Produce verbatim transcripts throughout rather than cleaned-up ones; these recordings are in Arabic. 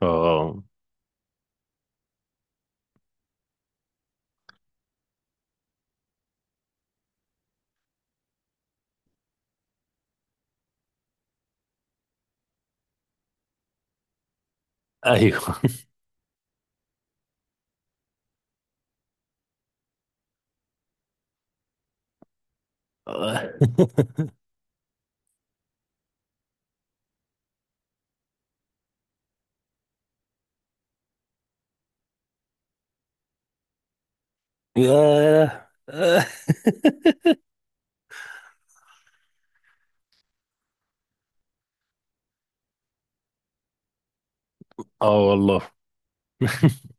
اه، ايوه. ياه، اه. آه والله.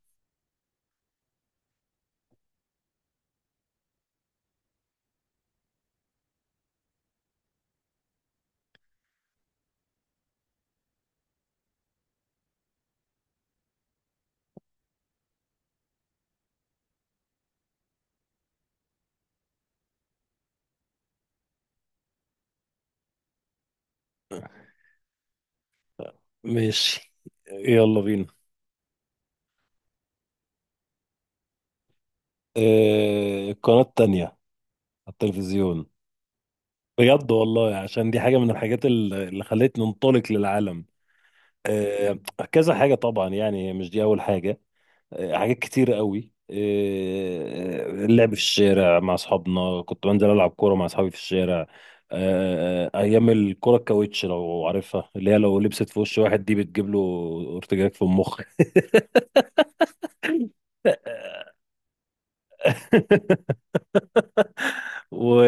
ماشي، يلا بينا. آه القناة التانية على التلفزيون. بجد والله، عشان دي حاجة من الحاجات ال- اللي خلتني انطلق للعالم. آه كذا حاجة طبعا، يعني مش دي أول حاجة. آه، حاجات كتير قوي، آه، آه، اللعب في الشارع مع اصحابنا، كنت بنزل العب كوره مع اصحابي في الشارع. آه، آه، آه، ايام الكوره الكاوتش لو عارفها، اللي هي لو لبست في وش واحد دي بتجيب له ارتجاج في المخ. و...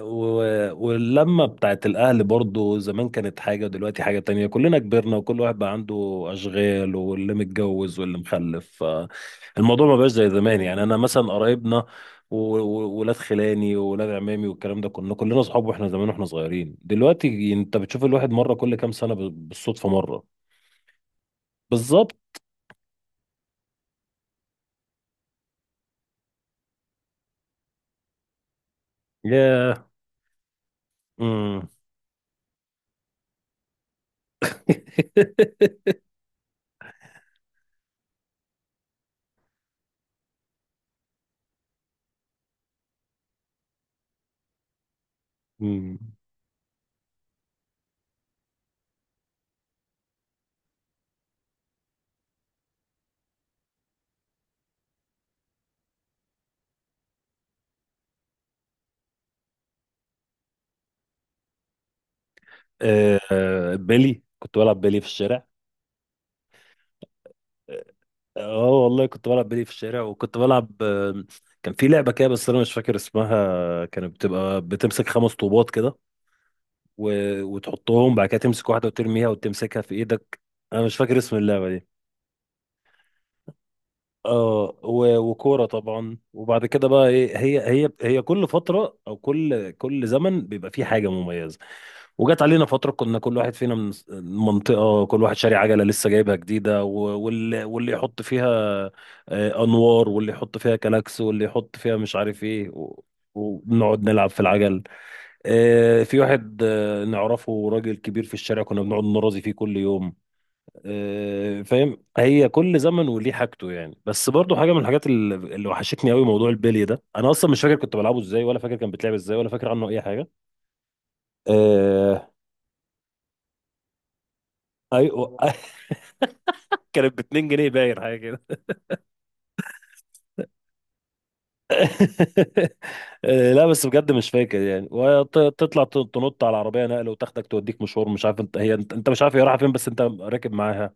و... واللمة بتاعت الأهل برضو زمان كانت حاجة ودلوقتي حاجة تانية، كلنا كبرنا وكل واحد بقى عنده أشغال، واللي متجوز واللي مخلف. الموضوع ما بقاش زي زمان، يعني أنا مثلا قرايبنا وولاد خلاني وولاد عمامي والكلام ده، كنا كلنا أصحاب وإحنا زمان وإحنا صغيرين. دلوقتي أنت بتشوف الواحد مرة كل كام سنة ب- بالصدفة مرة. بالظبط. ياه. امم. امم. آه، آه، بيلي، كنت بلعب بيلي في الشارع. اه والله كنت بلعب بلي في الشارع، وكنت بلعب. آه، كان في لعبة كده بس انا مش فاكر اسمها، كانت بتبقى بتمسك خمس طوبات كده و... وتحطهم، بعد كده تمسك واحدة وترميها وتمسكها في ايدك. انا مش فاكر اسم اللعبة دي. اه، و... وكورة طبعا. وبعد كده بقى ايه، هي هي هي كل فترة او كل كل زمن بيبقى فيه حاجة مميزة. وجات علينا فترة كنا كل واحد فينا من منطقة، كل واحد شاري عجلة لسه جايبها جديدة، و- واللي واللي يحط فيها آه، أنوار، واللي يحط فيها كلاكس، واللي يحط فيها مش عارف إيه، و- ونقعد نلعب في العجل. آه، في واحد آه، نعرفه، راجل كبير في الشارع، كنا بنقعد نرازي فيه كل يوم. آه، فاهم، هي كل زمن وليه حاجته، يعني بس برضو حاجة من الحاجات اللي اللي وحشتني قوي موضوع البلي ده، أنا أصلا مش فاكر كنت بلعبه إزاي، ولا فاكر كان بيتلعب إزاي، ولا فاكر عنه أي حاجة. آه، ايوه. كانت ب اتنين جنيه باين، حاجه كده. آه، لا بس بجد مش فاكر يعني، وتطلع ت- تنط على العربيه نقل وتاخدك توديك مشوار، مش عارف انت، هي انت, انت مش عارف هي رايحه فين، بس انت راكب معاها.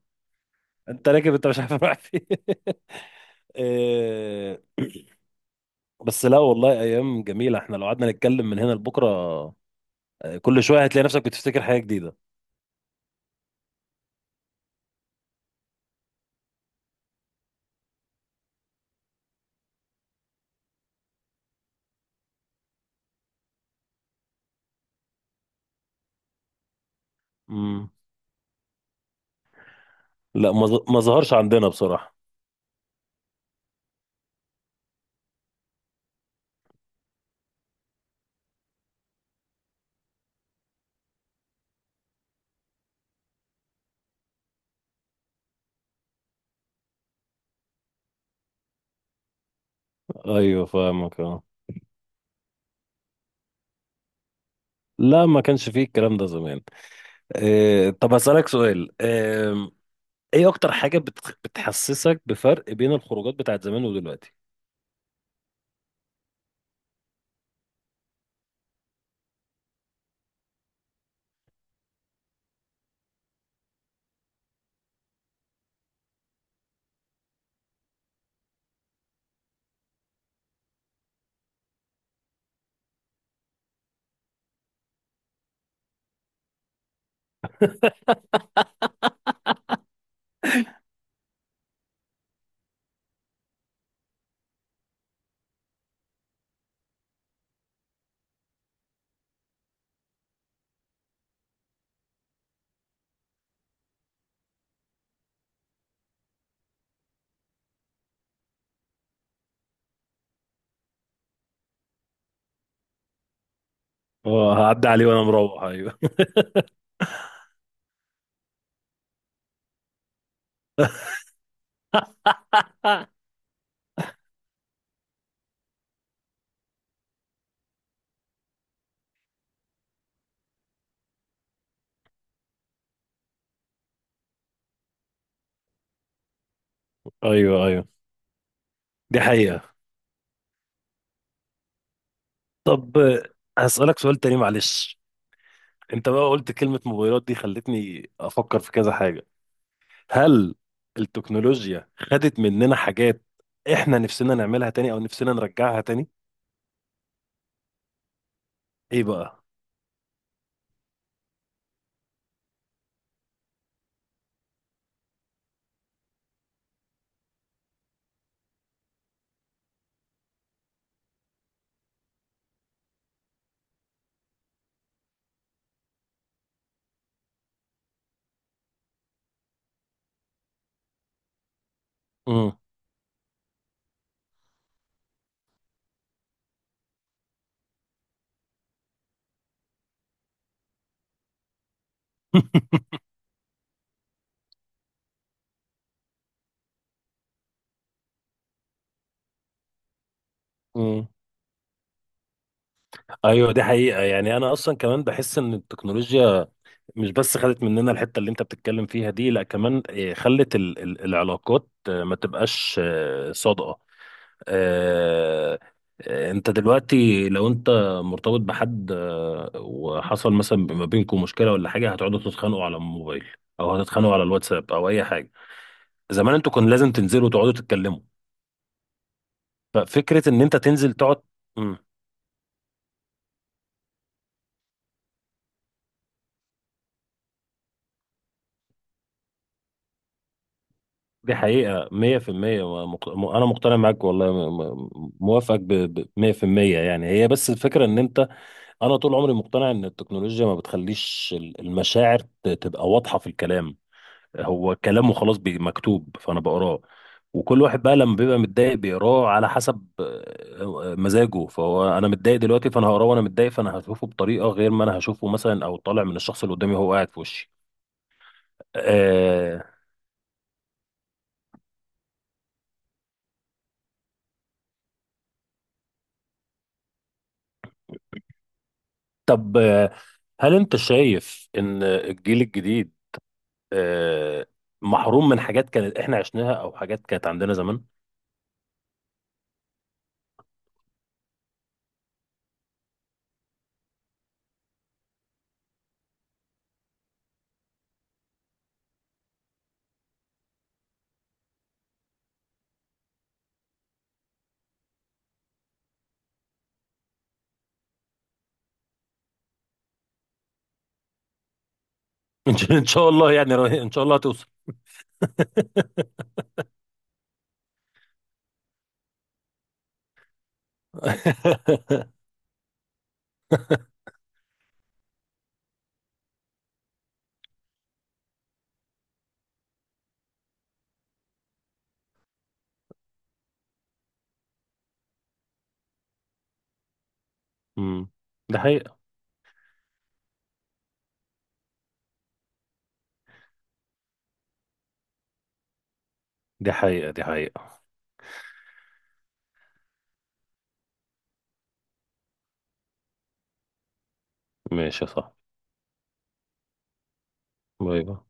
انت راكب، انت مش عارف رايح فين. آه، بس لا والله ايام جميله، احنا لو قعدنا نتكلم من هنا لبكره. آه، كل شويه هتلاقي نفسك بتفتكر حاجه جديده. امم. لا ما ظ- ما ظهرش عندنا بصراحه. ايوه فاهمك، اه. لا ما كانش فيه الكلام ده زمان. آه، طب هسألك سؤال. ايه اكتر حاجة بتخ- بتحسسك بفرق بين الخروجات بتاعت زمان ودلوقتي؟ اه، هعدي عليه وانا مروح، ايوه. ايوه، ايوه، دي حقيقة. طب آه، هسألك سؤال تاني معلش. انت بقى قلت كلمة موبايلات دي، خلتني افكر في كذا حاجة. هل التكنولوجيا خدت مننا حاجات احنا نفسنا نعملها تاني او نفسنا نرجعها تاني؟ ايه بقى؟ امم. امم. ايوه دي حقيقة، يعني انا اصلا كمان بحس ان التكنولوجيا مش بس خدت مننا الحتة اللي انت بتتكلم فيها دي، لا كمان آه، خلت ال- ال- العلاقات آه، ما تبقاش آه، صادقة. آه، آه، انت دلوقتي لو انت مرتبط بحد آه، وحصل مثلا ما بينكم مشكلة ولا حاجة، هتقعدوا تتخانقوا على الموبايل او هتتخانقوا على الواتساب او اي حاجة. زمان انتوا كان لازم تنزلوا تقعدوا تتكلموا. ففكرة ان انت تنزل تقعد. مم. دي حقيقة مية في المية، ومق- م- أنا مقتنع معاك والله، م- م- موافقك بمية في المية، يعني هي بس الفكرة إن أنت. انا طول عمري مقتنع ان التكنولوجيا ما بتخليش ال- المشاعر ت- تبقى واضحه في الكلام. هو كلامه خلاص بي- مكتوب فانا بقراه، وكل واحد بقى لما بيبقى متضايق بيقراه على حسب آه، آه، مزاجه. فهو انا متضايق دلوقتي فانا هقراه وانا متضايق، فانا هشوفه بطريقه غير ما انا هشوفه مثلا او طالع من الشخص اللي قدامي وهو قاعد في وشي. آه طب آه، هل انت شايف ان الجيل الجديد آه محروم من حاجات كانت احنا عشناها او حاجات كانت عندنا زمان؟ ان شاء إن شاء الله، يعني رو- ان شاء الله هتوصل. امم. دي حقيقة، دي حقيقة، دي حقيقة. ماشي، صح. باي باي.